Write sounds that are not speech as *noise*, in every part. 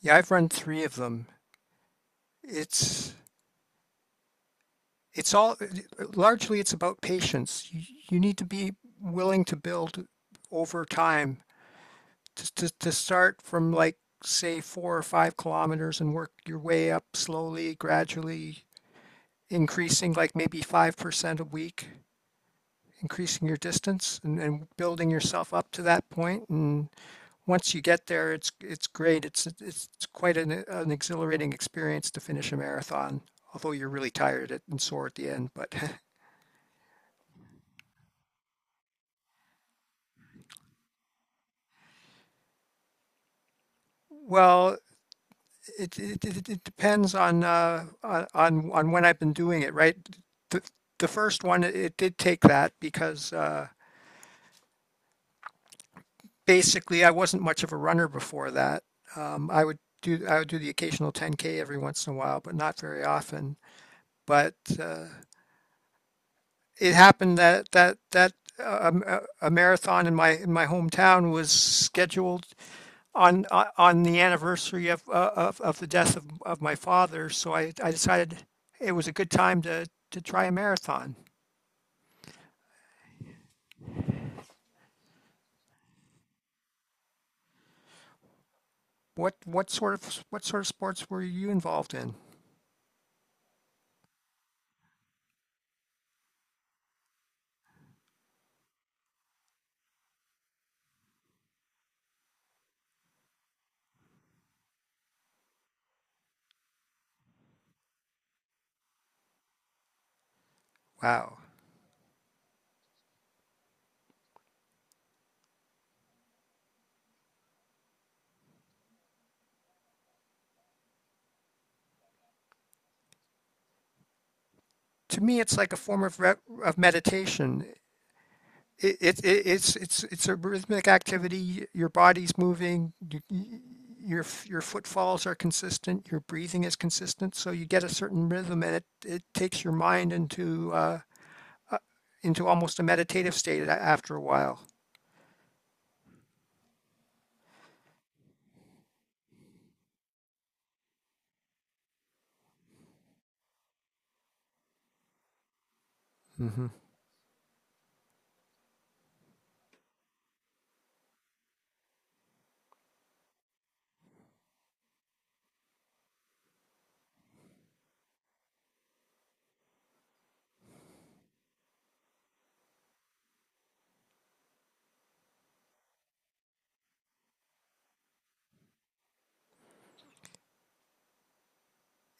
Yeah, I've run three of them. It's it's all largely it's about patience. You need to be willing to build over time to start from like say 4 or 5 kilometers and work your way up slowly, gradually increasing like maybe 5% a week, increasing your distance and building yourself up to that point and once you get there, it's great. It's quite an exhilarating experience to finish a marathon, although you're really tired at- and sore at the end. But *laughs* well, it depends on on when I've been doing it, right? The the first one it did take that because basically I wasn't much of a runner before that. I would do the occasional 10K every once in a while, but not very often. But it happened that a marathon in my hometown was scheduled on the anniversary of of the death of my father. So I decided it was a good time to try a marathon. What what sort of what sort of sports were you involved in? Wow. To me, it's like a form of meditation. It's it's a rhythmic activity. Your body's moving. Your your footfalls are consistent. Your breathing is consistent. So you get a certain rhythm, and it takes your mind into almost a meditative state after a while. Hmm.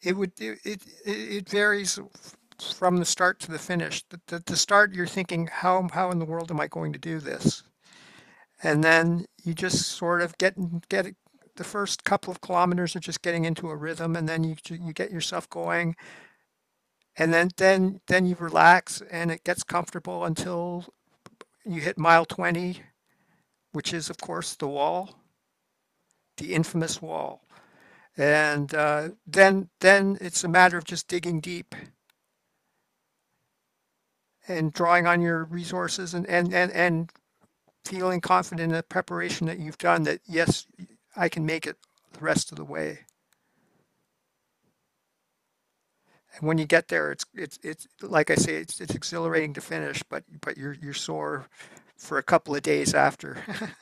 It would it it, it varies from the start to the finish. The start, you're thinking, how in the world am I going to do this? And then you just sort of get, the first couple of kilometers are just getting into a rhythm, and then you get yourself going, and then you relax, and it gets comfortable until you hit mile 20, which is of course the wall, the infamous wall. And then it's a matter of just digging deep and drawing on your resources and feeling confident in the preparation that you've done that yes, I can make it the rest of the way. And when you get there, it's like I say, it's exhilarating to finish, but you're sore for a couple of days after. *laughs*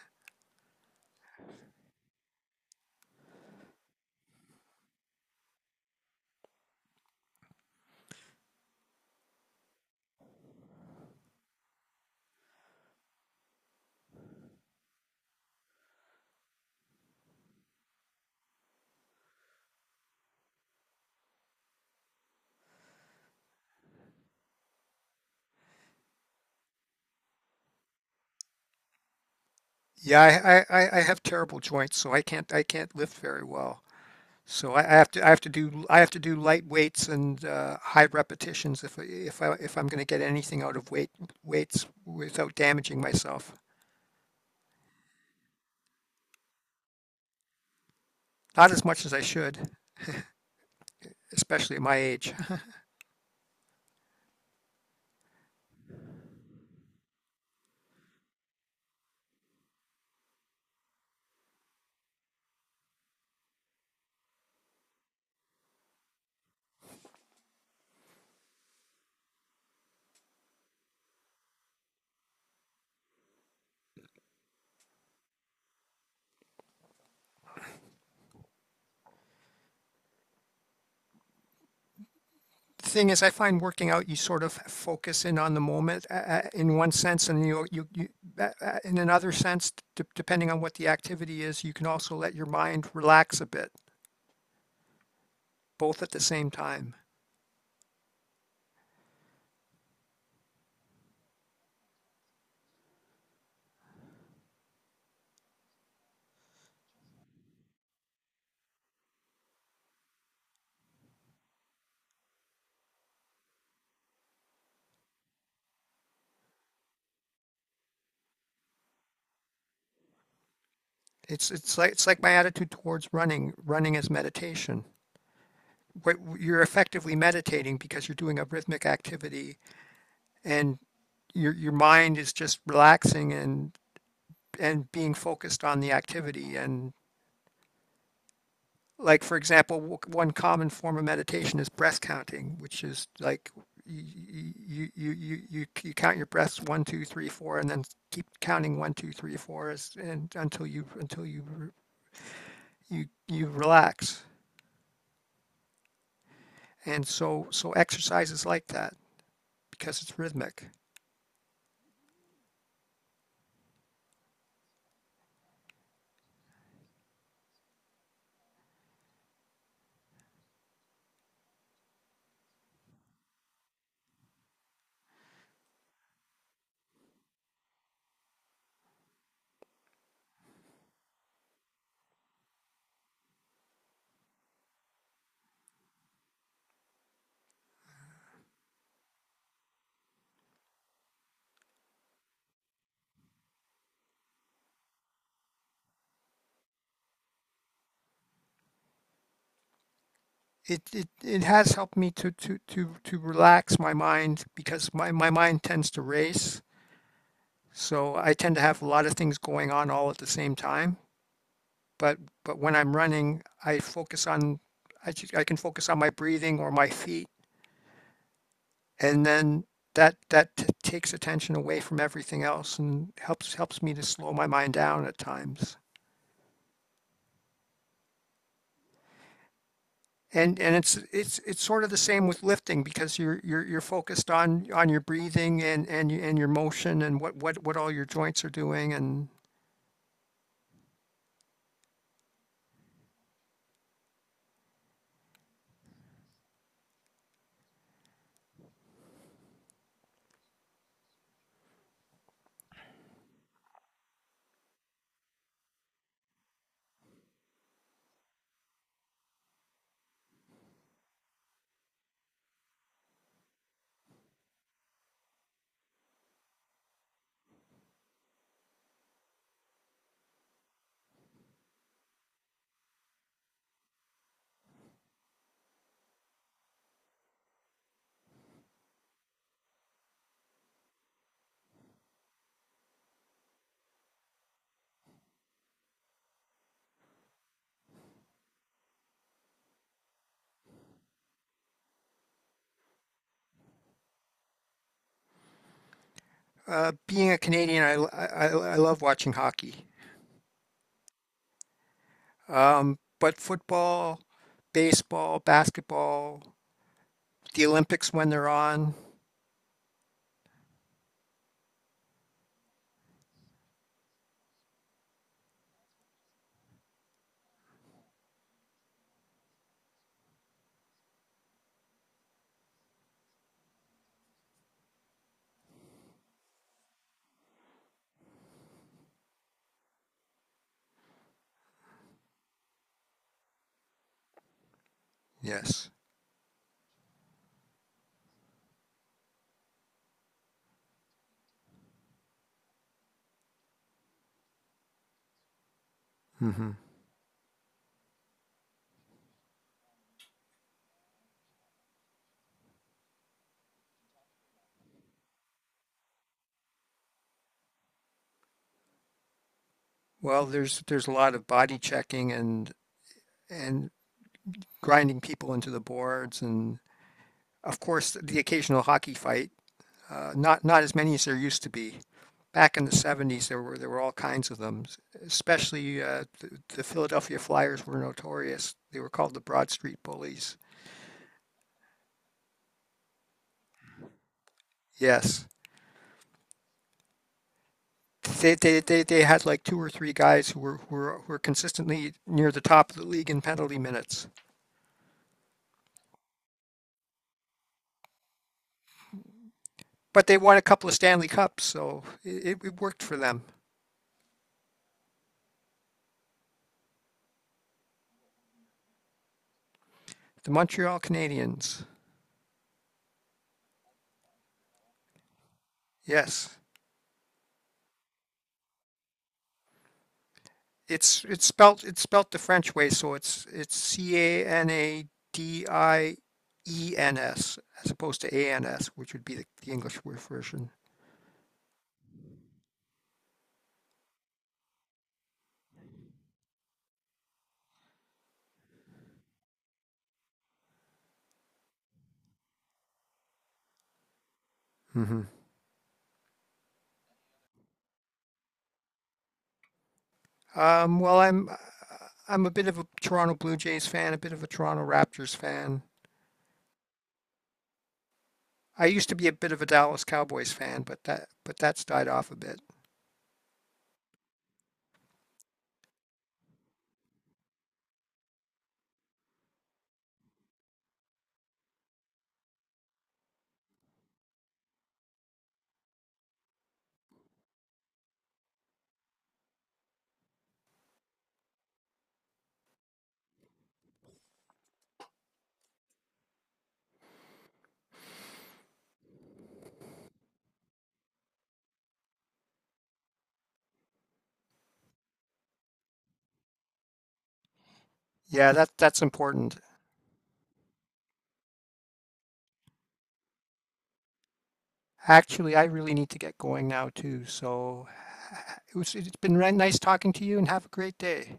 Yeah, I have terrible joints, so I can't lift very well. So I have to do I have to do light weights and high repetitions if I'm going to get anything out of weights without damaging myself. Not as much as I should, especially at my age. The thing is, I find working out, you sort of focus in on the moment in one sense, and you in another sense, d depending on what the activity is, you can also let your mind relax a bit, both at the same time. It's like my attitude towards running. Running is meditation. What you're effectively meditating because you're doing a rhythmic activity, and your mind is just relaxing and being focused on the activity and like for example one common form of meditation is breath counting which is like you you count your breaths 1 2 3 4 and then keep counting 1 2 3 4 and until you relax and so exercise is like that because it's rhythmic. It has helped me to relax my mind because my mind tends to race. So I tend to have a lot of things going on all at the same time. But but when I'm running, I focus on I can focus on my breathing or my feet, and then takes attention away from everything else and helps me to slow my mind down at times. And it's sort of the same with lifting because you're focused on your breathing and and your motion and what all your joints are doing and being a Canadian, I, l- I love watching hockey. But football, baseball, basketball. The Olympics when they're on. Yes. Hmm. Well, there's a lot of body checking and grinding people into the boards, and of course the occasional hockey fight. Not as many as there used to be. Back in the 70s, there were all kinds of them. Especially the Philadelphia Flyers were notorious. They were called the Broad Street Bullies. Yes. They had like two or three guys who were consistently near the top of the league in penalty minutes. But they won a couple of Stanley Cups, so it worked for them. The Montreal Canadiens. Yes, it's spelt the French way, so it's CANADIENS as opposed to ANS, which would be the English word version. Hmm. Well, I'm a bit of a Toronto Blue Jays fan, a bit of a Toronto Raptors fan. I used to be a bit of a Dallas Cowboys fan, but that's died off a bit. Yeah, that that's important. Actually, I really need to get going now too. So it was, it's been nice talking to you and have a great day.